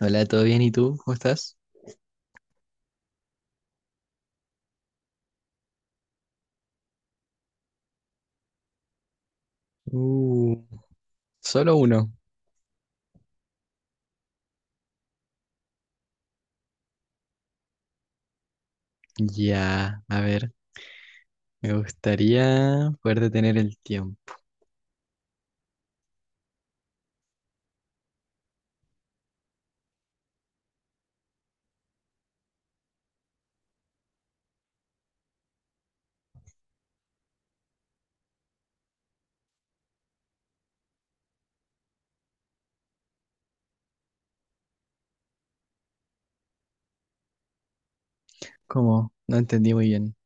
Hola, ¿todo bien? ¿Y tú? ¿Cómo estás? Uh, Solo uno. Ya, a ver, me gustaría poder detener el tiempo. ¿Cómo? No entendí muy bien.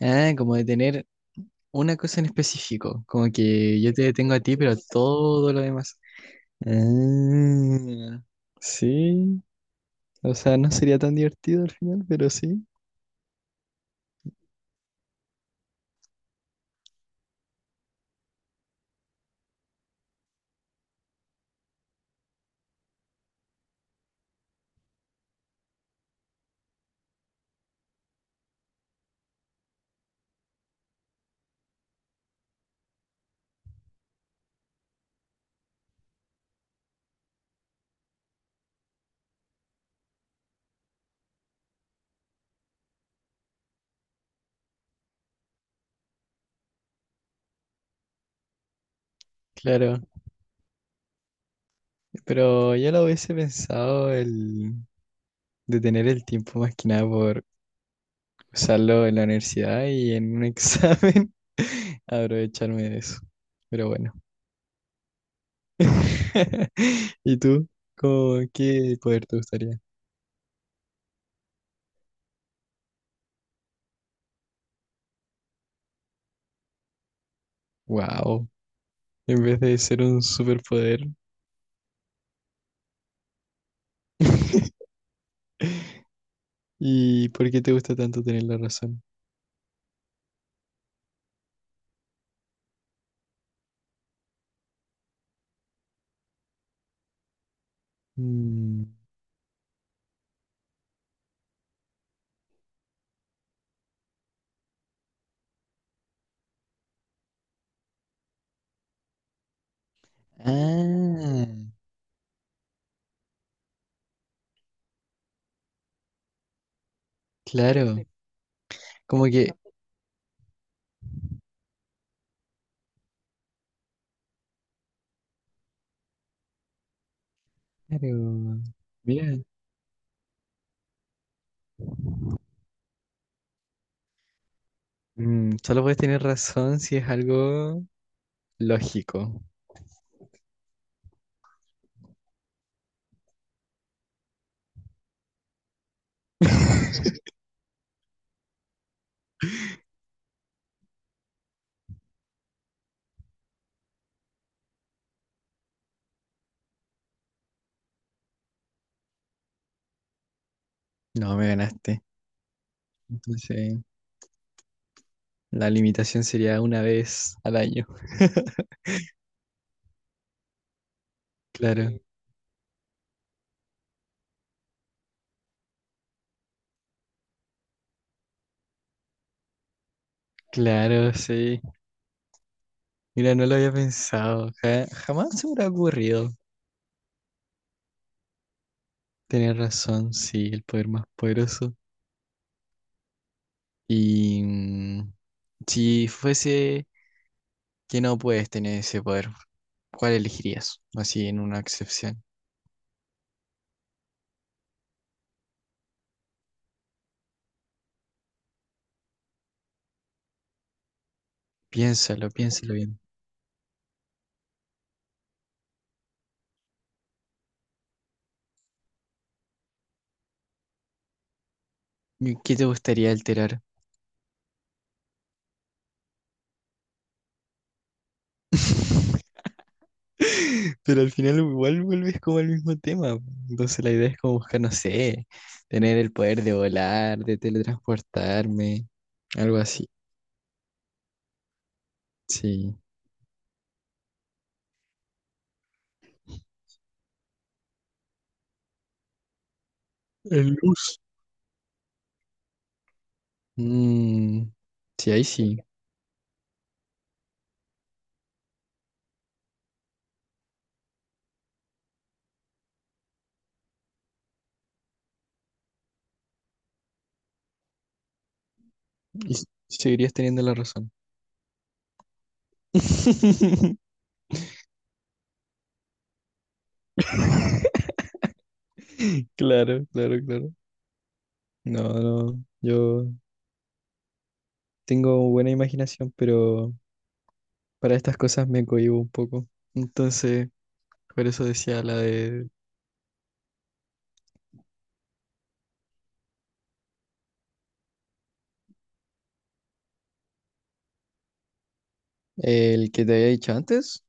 Ah, como detener una cosa en específico, como que yo te detengo a ti, pero a todo lo demás. Ah, sí, o sea, no sería tan divertido al final, pero sí, claro. Pero yo lo hubiese pensado el detener el tiempo más que nada por usarlo en la universidad y en un examen, aprovecharme de eso. Pero bueno. ¿Y tú? ¿Cómo, qué poder te gustaría? Wow, en vez de ser un superpoder. ¿Y por qué te gusta tanto tener la razón? Mm. Ah, claro. Como que, claro. Mira, solo puedes tener razón si es algo lógico. No, me ganaste. Entonces, la limitación sería una vez al año. Claro, sí. Claro, sí. Mira, no lo había pensado. Jamás se me hubiera ocurrido. Tienes razón, sí, el poder más poderoso. Y si fuese que no puedes tener ese poder, ¿cuál elegirías? Así en una excepción. Piénsalo, piénsalo bien. ¿Y qué te gustaría alterar? Pero al final igual vuelves como al mismo tema. Entonces la idea es como buscar, no sé, tener el poder de volar, de teletransportarme, algo así. Sí. El luz. Mm, sí, ahí sí. Y seguirías teniendo la razón. Claro, claro, claro. No, no, yo tengo buena imaginación, pero para estas cosas me cohíbo un poco. Entonces, por eso decía la de el que te había dicho antes.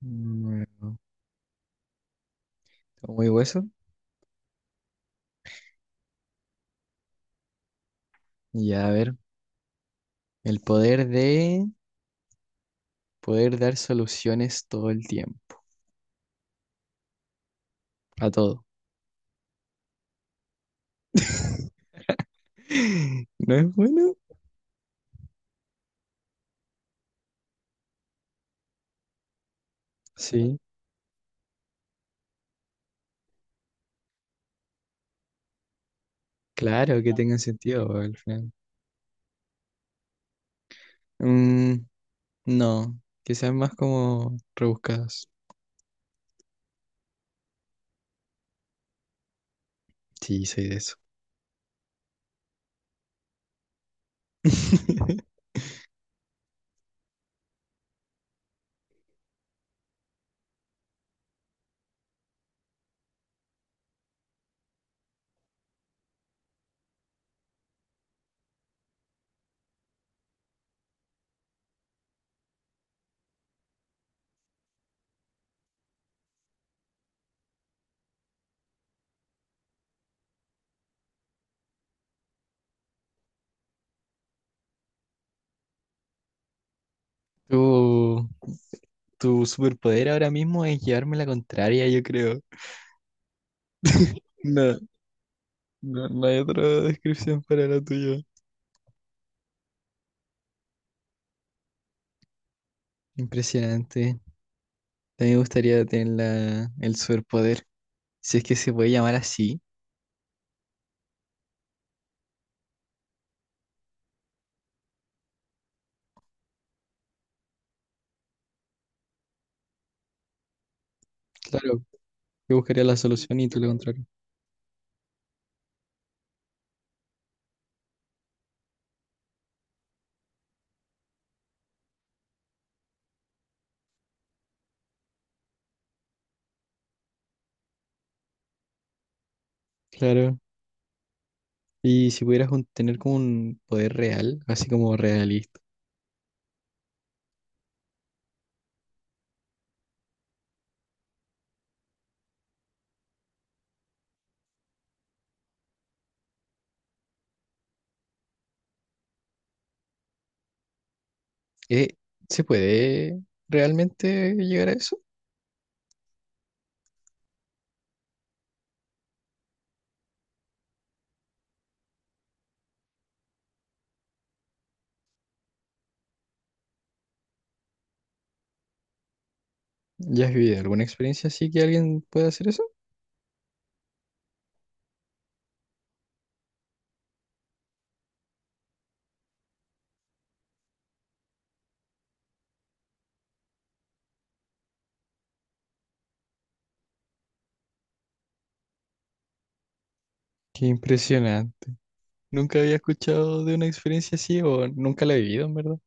Bueno, está muy hueso. Ya, a ver. El poder de poder dar soluciones todo el tiempo. A todo. ¿No es bueno? Sí, claro que tengan sentido al final. Mm, no, quizás más como rebuscados. Sí, soy de eso. Tu, tu superpoder ahora mismo es llevarme la contraria, yo creo. No, no no hay otra descripción para la tuya. Impresionante. También me gustaría tener la, el superpoder. Si es que se puede llamar así. Claro, yo buscaría la solución y tú lo contrario. Claro. Y si pudieras tener como un poder real, así como realista, eh, ¿se puede realmente llegar a eso? ¿Ya has vivido alguna experiencia así que alguien pueda hacer eso? Qué impresionante. Nunca había escuchado de una experiencia así o nunca la he vivido, en verdad.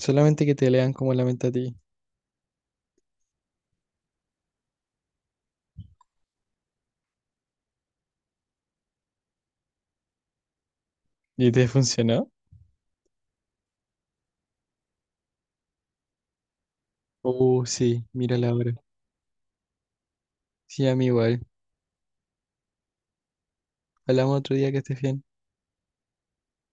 Solamente que te lean como la mente a ti. ¿Y te funcionó? Oh, sí, mírala ahora. Sí, a mí igual. Hablamos otro día que estés bien.